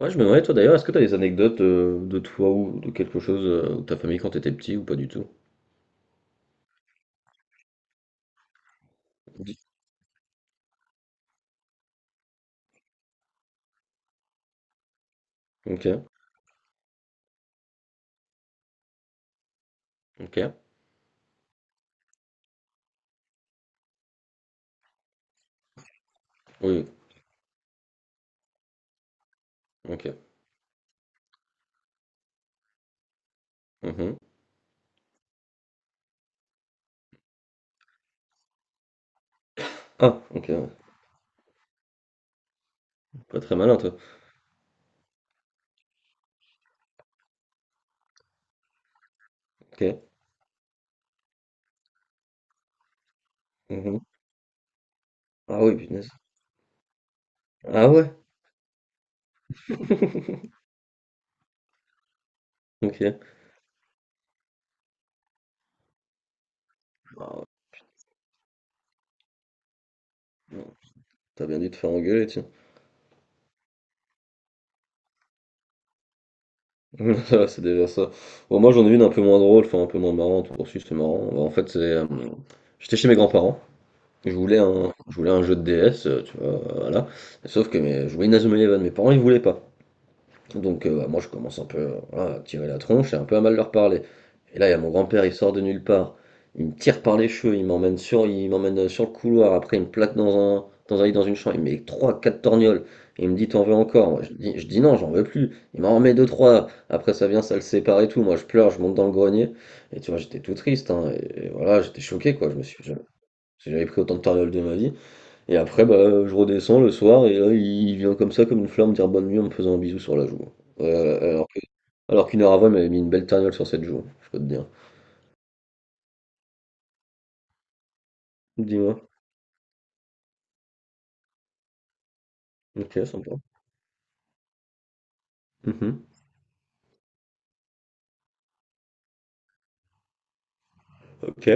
Ouais, je me demandais, toi d'ailleurs, est-ce que t'as des anecdotes de toi ou de quelque chose ou de ta famille quand t'étais petit ou pas du tout? Oui. Ok, ok, oui, ok. Mhm. Ah, ok, ouais. Pas très malin toi. Ok. Mhm. Ah oui, punaise. Ah ouais, ok. Ah, ouais. T'as bien dû te faire engueuler, tiens. Ça, c'est déjà ça. Bon, moi j'en ai une un peu moins drôle, enfin un peu moins marrante. Bon, si, c'est marrant. Bah, en fait, c'est. J'étais chez mes grands-parents. Je voulais un jeu de DS, tu vois, voilà. Sauf que je voulais Inazuma Eleven, mes parents ils voulaient pas. Donc bah, moi je commence un peu voilà, à tirer la tronche et un peu à mal leur parler. Et là il y a mon grand-père, il sort de nulle part, il me tire par les cheveux, il m'emmène sur le couloir, après il me plaque dans un lit dans une chambre, il me met trois quatre torgnoles. Il me dit t'en veux encore. Moi, je dis non, j'en veux plus. Il m'en remet deux trois. Après ça vient, ça le sépare et tout. Moi je pleure, je monte dans le grenier. Et tu vois j'étais tout triste, hein, et voilà j'étais choqué quoi. Je me suis jamais- J'avais pris autant de torgnoles de ma vie. Et après, bah, je redescends le soir et là, il vient comme ça, comme une fleur, me dire bonne nuit en me faisant un bisou sur la joue. Ouais, alors qu'une heure avant, il m'avait mis une belle tarniole sur cette joue, je peux te dire. Dis-moi. Ok, sympa. Mhm. Ok.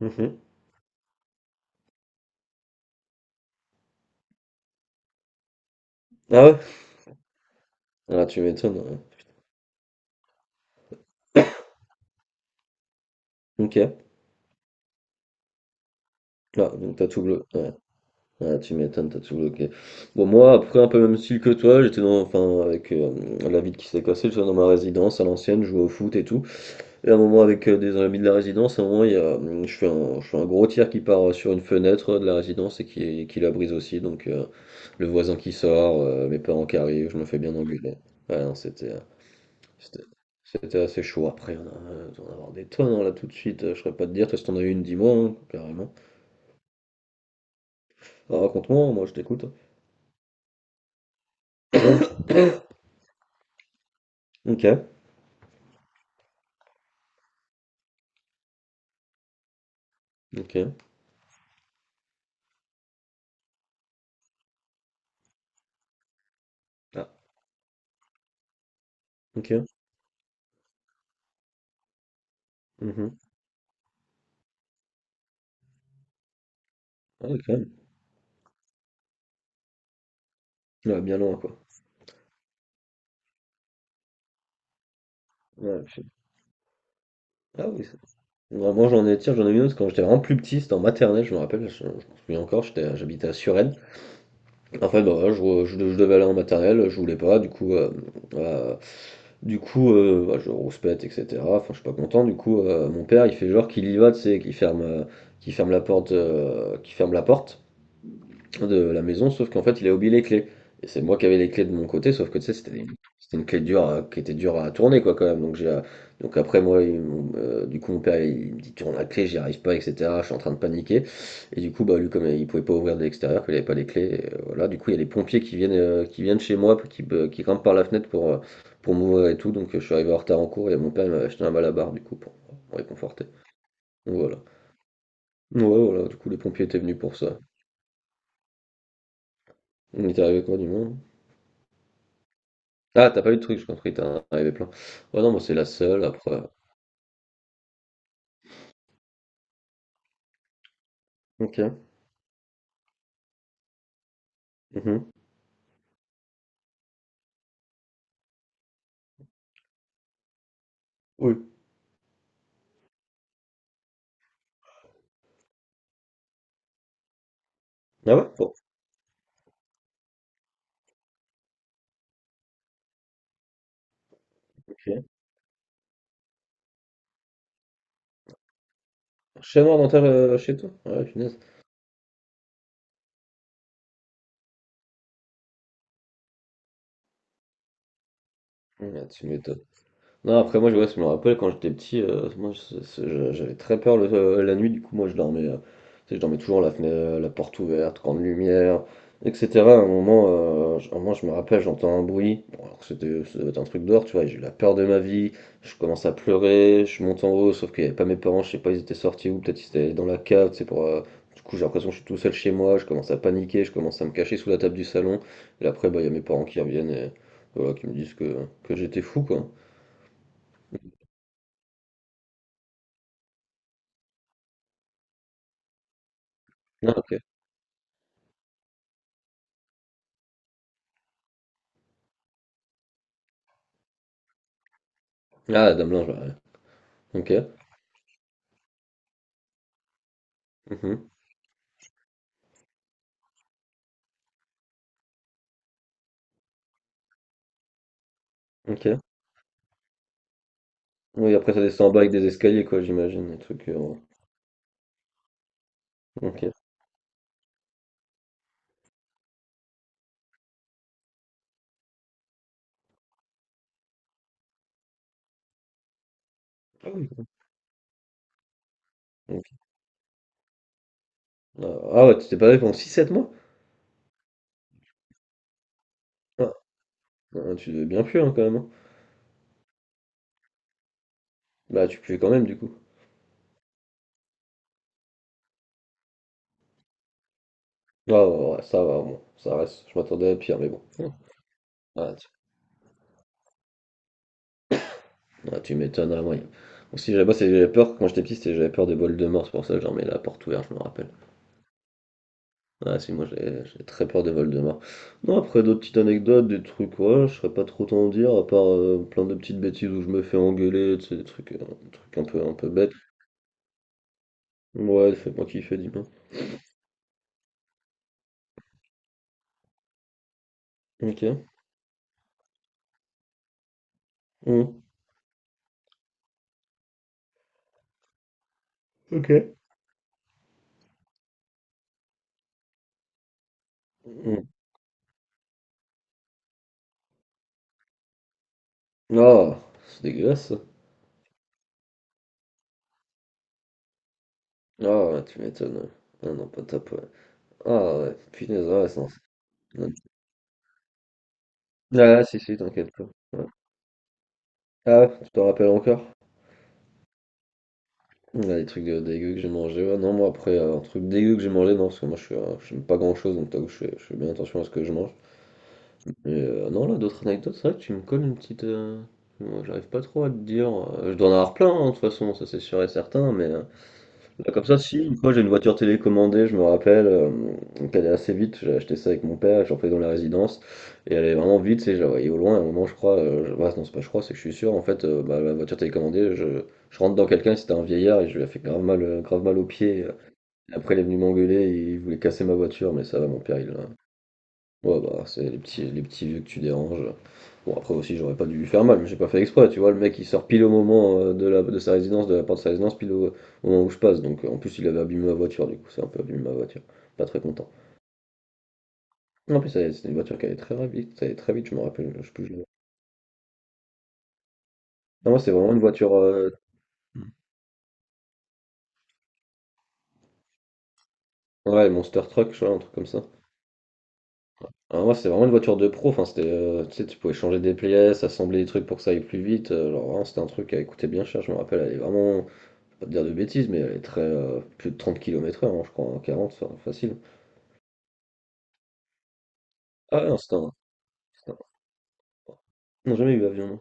Mhm. Ah ouais? Ah, tu m'étonnes, ouais. Ok. Ah, donc t'as tout bloqué. Ouais. Ah, tu m'étonnes, t'as tout bloqué. Bon, moi, après, un peu même style que toi, enfin, avec la ville qui s'est cassée, j'étais dans ma résidence à l'ancienne, je jouais au foot et tout. Et à un moment avec des amis de la résidence, à un moment je fais un gros tir qui part sur une fenêtre de la résidence et qui la brise aussi. Donc le voisin qui sort, mes parents qui arrivent, je me fais bien engueuler. Ouais, non, c'était, c'était assez chaud. Après, on a avoir des tonnes hein, là tout de suite. Je saurais pas te dire, toi si t'en as eu une, dis-moi hein, carrément. Alors, raconte-moi, moi je t'écoute. Ok, ok, ah, ok, mhm. Ah, ouais, quand même. Ouais, bien loin quoi. Ouais, ah oui, non, moi j'en ai, tiens, j'en ai une autre quand j'étais vraiment plus petit, c'était en maternelle, je me rappelle, je m'en souviens encore, j'habitais à Suresnes. En fait, bah, voilà, je devais aller en maternelle, je voulais pas, euh, bah, je rouspète, etc. Enfin, je suis pas content, du coup, mon père, il fait genre qu'il y va, tu sais, qu'il ferme la porte, qu'il ferme la porte de la maison, sauf qu'en fait, il a oublié les clés. Et c'est moi qui avais les clés de mon côté, sauf que tu sais, c'était une clé qui était dure à tourner, quoi, quand même. Donc, après, moi, du coup, mon père, il me dit, tourne la clé, j'y arrive pas, etc. Je suis en train de paniquer. Et du coup, bah, lui, comme il pouvait pas ouvrir de l'extérieur, qu'il avait pas les clés, voilà. Du coup, il y a les pompiers qui viennent chez moi, qui grimpent par la fenêtre pour m'ouvrir et tout. Donc, je suis arrivé en retard en cours et mon père il m'a acheté un malabar, du coup, pour me réconforter. Donc, voilà. Ouais, voilà. Du coup, les pompiers étaient venus pour ça. On est arrivé quoi, du moins? Ah, t'as pas eu de truc, j'ai compris, t'en avais plein. Ouais, non, moi, c'est la seule, après. Ok. Mhm. Oui. Ah ouais? Bon, ok. Chez moi, chez toi? Ouais, punaise. Ouais, tu m'étonnes. Non, après, moi, ouais, je me rappelle quand j'étais petit, moi, j'avais très peur la nuit, du coup, moi, je dormais, tu sais, je dormais toujours la fenêtre, la porte ouverte, grande lumière, etc. À un moment, je me rappelle, j'entends un bruit, bon, alors que c'était ça devait être un truc dehors, tu vois, et j'ai eu la peur de ma vie, je commence à pleurer, je monte en haut, sauf qu'il n'y avait pas mes parents, je sais pas, ils étaient sortis ou peut-être ils étaient allés dans la cave, tu sais, pour. Du coup, j'ai l'impression que je suis tout seul chez moi, je commence à paniquer, je commence à me cacher sous la table du salon, et après, bah, il y a mes parents qui reviennent et voilà, qui me disent que j'étais fou, quoi. Ah, ok. Ah, Dame Blanche, ouais. Ok. Mhm. Ok. Oui, après ça descend en bas avec des escaliers, quoi, j'imagine. Des trucs. Ok. Ah oui. Ok. Ah ah ouais, tu t'es pas fait pendant 6-7 mois? Ah, ah, tu devais bien puer, hein, quand même, hein. Bah, tu puais quand même, du coup. Ah, ouais, ouais, ouais, ça va, bon. Ça reste. Je m'attendais à pire, mais bon. Ah, tu m'étonnes, à moi. Aussi, là-bas, j'avais peur, quand j'étais petit, j'avais peur des bols de mort, c'est pour ça que j'en mets la porte ouverte, je me rappelle. Ah si, moi j'ai très peur des Voldemort. Non, après d'autres petites anecdotes, des trucs, ouais, je serais pas trop t'en dire, à part plein de petites bêtises où je me fais engueuler, tu sais, des trucs un peu bêtes. Ouais, fais-moi kiffer, dis-moi. Ok. Hum, ok. Hum. Ah, c'est dégueulasse ça. Ah, ouais, tu m'étonnes. Ah non, pas top, ouais. Ah ouais, punaise, ouais, ça. Ah si, si, t'inquiète pas. Ouais. Ah, tu t'en rappelles encore? Ouais, les trucs dégueu que j'ai mangé, ouais. Non, moi après, un truc dégueu que j'ai mangé, non, parce que moi j'aime pas grand chose, donc t'avoue, je fais bien attention à ce que je mange. Mais non, là, d'autres anecdotes, c'est vrai que tu me colles une petite. Moi, j'arrive pas trop à te dire. Je dois en avoir plein, hein, de toute façon, ça c'est sûr et certain, mais bah, comme ça, si, une fois j'ai une voiture télécommandée, je me rappelle, donc est assez vite, j'ai acheté ça avec mon père, j'en faisais dans la résidence, et elle est vraiment vite, je la voyais au loin, à un moment je crois, bah, non c'est pas je crois, c'est que je suis sûr, en fait, bah, la voiture télécommandée, je rentre dans quelqu'un, c'était un vieillard, et je lui ai fait grave mal, au pied, et après il est venu m'engueuler, et il voulait casser ma voiture, mais ça va, mon père il, Ouais, bah, c'est les petits vieux que tu déranges. Bon, après aussi, j'aurais pas dû lui faire mal, mais j'ai pas fait exprès, tu vois. Le mec, il sort pile au moment de sa résidence, de la porte de sa résidence, pile au moment où je passe. Donc, en plus, il avait abîmé ma voiture, du coup, c'est un peu abîmé ma voiture. Pas très content. En plus, c'était une voiture qui allait très vite, ça allait très vite, je me rappelle, je sais plus. Non, moi, c'est vraiment une voiture. Ouais, Monster Truck, je crois, un truc comme ça. Alors, moi, c'est vraiment une voiture de pro, enfin, c'était. Tu sais, tu pouvais changer des pièces, assembler des trucs pour que ça aille plus vite. Alors, vraiment, c'était un truc qui coûtait bien cher, je me rappelle, elle est vraiment. Pas te dire de bêtises, mais elle est très plus de 30 km/h hein, je crois, hein, 40, enfin, facile. Ah ouais, non, c'était un. Non, jamais eu l'avion, non.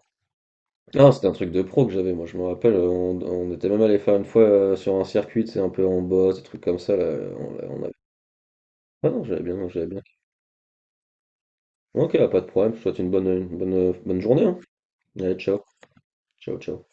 Non, c'était un truc de pro que j'avais, moi je me rappelle, on était même allé faire une fois sur un circuit, c'est un peu en bosse, des trucs comme ça, là, on avait... Ah non, j'avais bien. Ok, pas de problème, je te souhaite bonne journée, hein. Allez, ciao, ciao, ciao.